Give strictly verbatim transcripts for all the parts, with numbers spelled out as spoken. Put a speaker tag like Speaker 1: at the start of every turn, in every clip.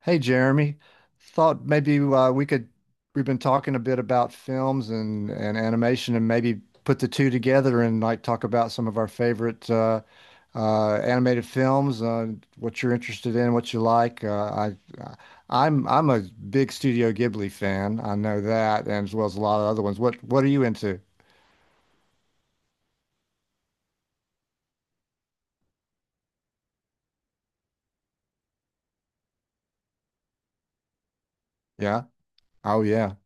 Speaker 1: Hey Jeremy, thought maybe uh, we could we've been talking a bit about films and and animation and maybe put the two together and like talk about some of our favorite uh, uh, animated films. Uh, what you're interested in, what you like. Uh, I I- am I'm a big Studio Ghibli fan. I know that, and as well as a lot of other ones. What what are you into? Yeah. Oh yeah.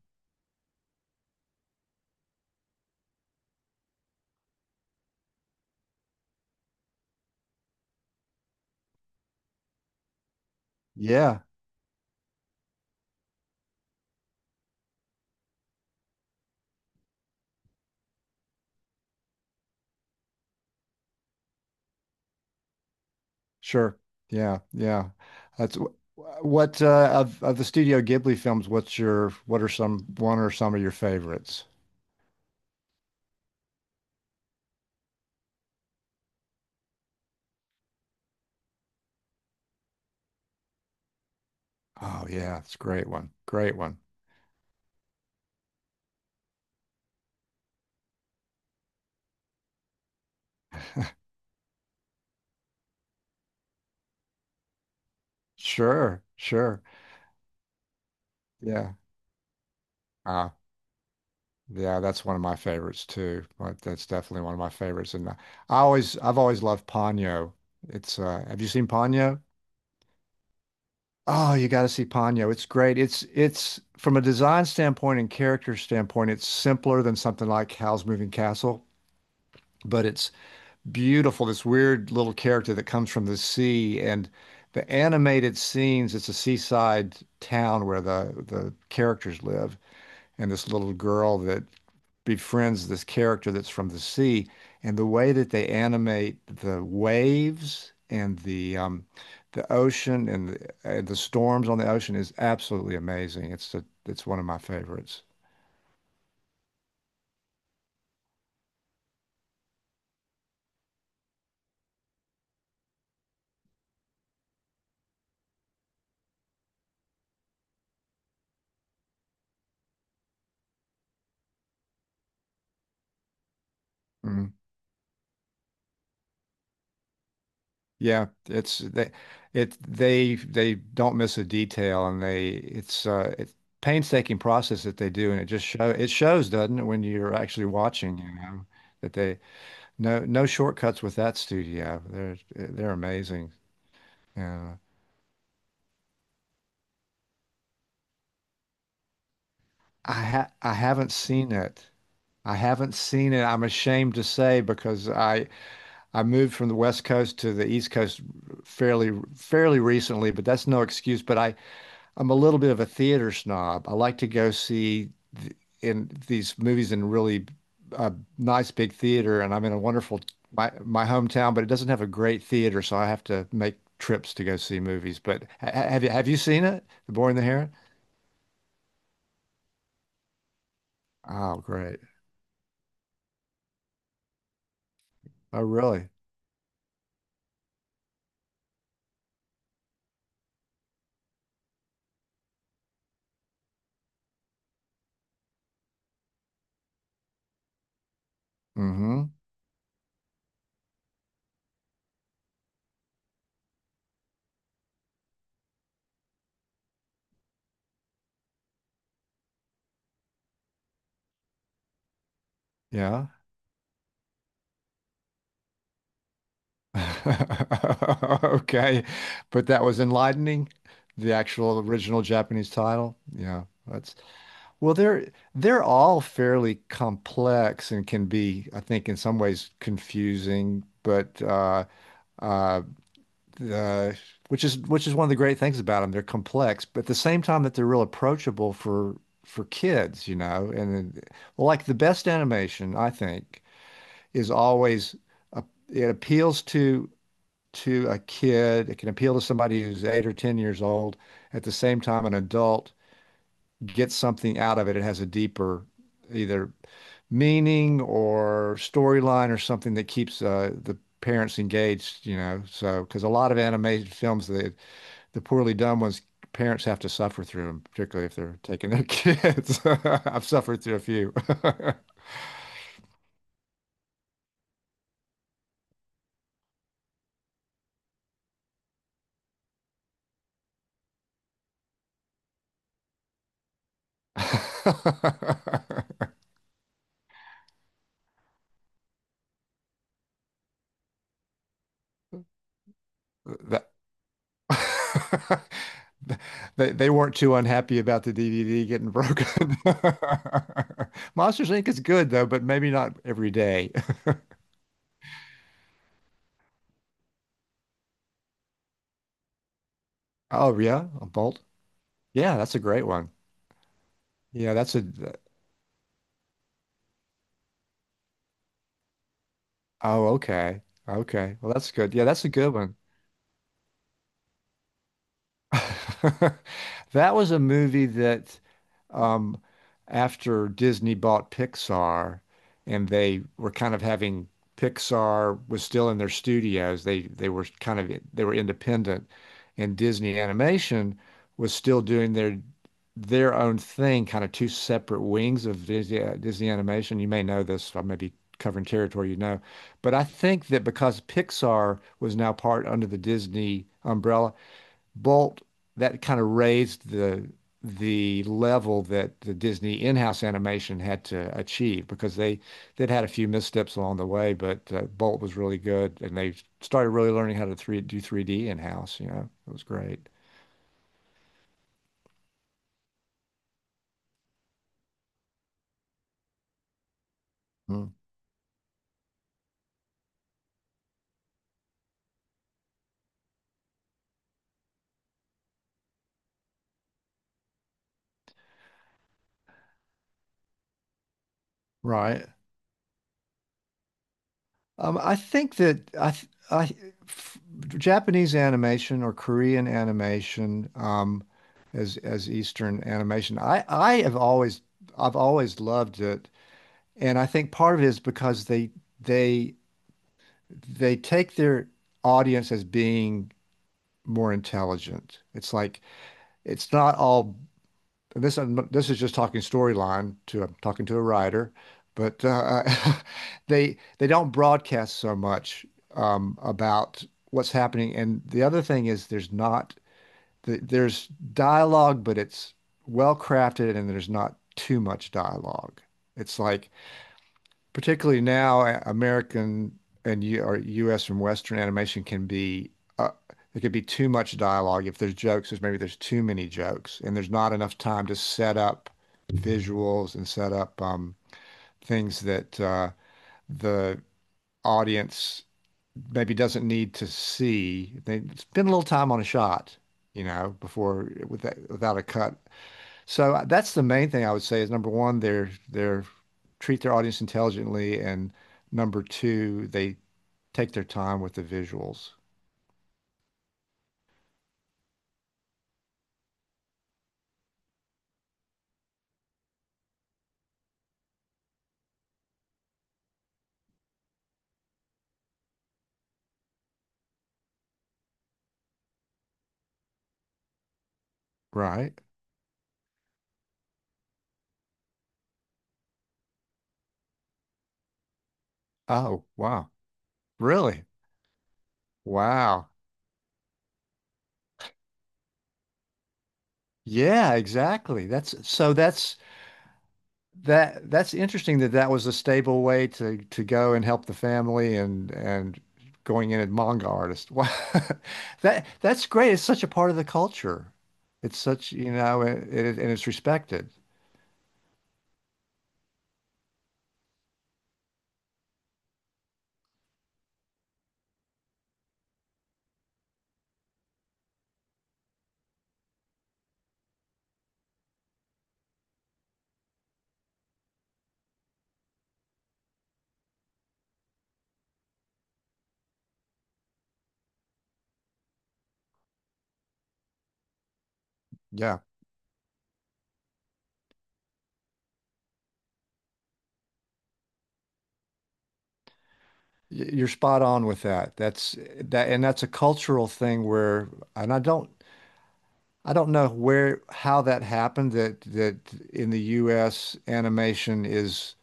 Speaker 1: Yeah. Sure. Yeah. Yeah. That's wh- what uh, of of the Studio Ghibli films, what's your what are some one or some of your favorites? Oh yeah, it's a great one. Great one. Sure. Sure. Yeah. Uh yeah, that's one of my favorites too. But that's definitely one of my favorites. And I always I've always loved Ponyo. It's uh have you seen Ponyo? Oh, you got to see Ponyo. It's great. It's it's from a design standpoint and character standpoint, it's simpler than something like Howl's Moving Castle, but it's beautiful, this weird little character that comes from the sea. And the animated scenes, it's a seaside town where the, the characters live, and this little girl that befriends this character that's from the sea. And the way that they animate the waves and the um, the ocean and the, and the storms on the ocean is absolutely amazing. It's a, it's one of my favorites. Mhm. Yeah, it's they, it they they don't miss a detail, and they it's uh it's painstaking process that they do, and it just show it shows, doesn't it, when you're actually watching, you know, that they no no shortcuts with that studio. They're they're amazing. Yeah, I ha I haven't seen it. I haven't seen it. I'm ashamed to say because I I moved from the West Coast to the East Coast fairly fairly recently, but that's no excuse. But I I'm a little bit of a theater snob. I like to go see th in these movies in really uh, nice big theater, and I'm in a wonderful my my hometown, but it doesn't have a great theater, so I have to make trips to go see movies. But ha ha- have you have you seen it, The Boy and the Heron? Oh, great! Oh, really? Mm-hmm. Yeah. Okay, but that was enlightening. The actual original Japanese title. Yeah, that's. Well, they're they're all fairly complex and can be, I think, in some ways confusing, but uh, uh, uh, which is which is one of the great things about them. They're complex, but at the same time that they're real approachable for for kids, you know. And then- well, like the best animation, I think, is always a, it appeals to to a kid. It can appeal to somebody who's eight or ten years old. At the same time, an adult get something out of it. It has a deeper either meaning or storyline or something that keeps uh, the parents engaged, you know. So, because a lot of animated films, the the poorly done ones, parents have to suffer through them, particularly if they're taking their kids. I've suffered through a few. That- They, they weren't too unhappy about the D V D getting broken. Monsters Inc is good though, but maybe not every day. Oh yeah, a bolt. Yeah, that's a great one. Yeah, that's a. Oh, okay. Okay. Well, that's good. Yeah, that's a good one. That was a movie that, um, after Disney bought Pixar, and they were kind of having Pixar was still in their studios. They they were kind of they were independent, and Disney Animation was still doing their their own thing, kind of two separate wings of Disney, uh, Disney Animation. You may know this. I may be covering territory you know, but I think that because Pixar was now part under the Disney umbrella. Bolt, that kind of raised the the level that the Disney in-house animation had to achieve because they they'd had a few missteps along the way, but uh, Bolt was really good, and they started really learning how to three do three D in-house. You know, it was great. Mm. Right. Um, I think that I, th- I f- Japanese animation or Korean animation, um, as as Eastern animation, I I have always I've always loved it. And I think part of it is because they they they take their audience as being more intelligent. It's like it's not all this this is just talking storyline to I'm talking to a writer, but uh, they they don't broadcast so much um, about what's happening. And the other thing is there's not there's dialogue, but it's well crafted and there's not too much dialogue. It's like particularly now, a- American and U or U S and Western animation can be uh, there could be too much dialogue. If there's jokes, there's maybe there's too many jokes, and there's not enough time to set up visuals and set up um, things that uh, the audience maybe doesn't need to see. They spend a little time on a shot, you know, before without without a cut. So uh, that's the main thing I would say is number one, they're they're treat their audience intelligently, and number two, they take their time with the visuals, right? Oh, wow. Really? Wow. Yeah, exactly. That's so that's that that's interesting that that was a stable way to to go and help the family and and going in as manga artist. Wow. That that's great. It's such a part of the culture. It's such, you know, it it, and it's respected. Yeah. Y- You're spot on with that. That's that, and that's a cultural thing where, and I don't, I don't know where, how that happened that that in the U S animation is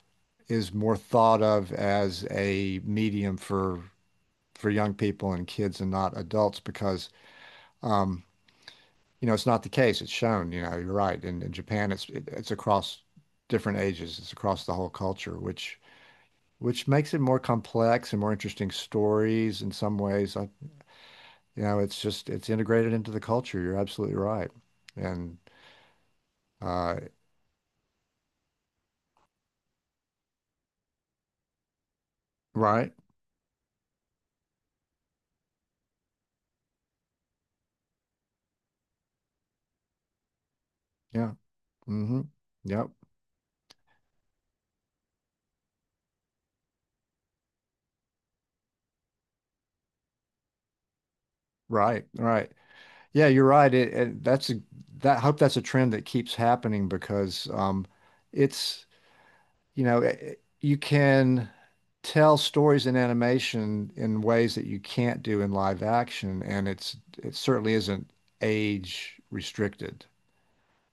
Speaker 1: is more thought of as a medium for for young people and kids and not adults because, um, you know, it's not the case. It's shown, you know, you're right. In, in Japan, it's it, it's across different ages. It's across the whole culture, which which makes it more complex and more interesting stories in some ways. I, You know, it's just it's integrated into the culture. You're absolutely right. And uh right. Yeah. Hmm. Yep. Right. Right. Yeah, you're right. It, it that's a, that I hope that's a trend that keeps happening because um it's you know I you can tell stories in animation in ways that you can't do in live action and it's it certainly isn't age restricted,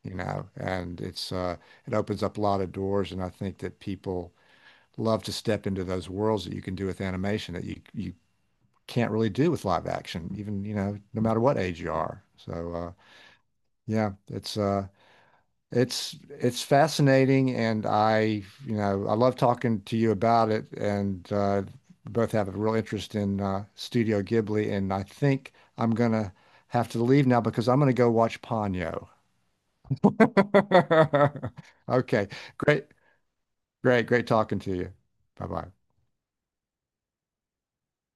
Speaker 1: you know, and it's uh it opens up a lot of doors and I think that people love to step into those worlds that you can do with animation that you you can't really do with live action, even, you know, no matter what age you are. So uh yeah, it's uh it's it's fascinating and I, you know, I love talking to you about it and uh both have a real interest in uh Studio Ghibli and I think I'm gonna have to leave now because I'm gonna go watch Ponyo. Okay. Great, great, great talking to you. Bye bye.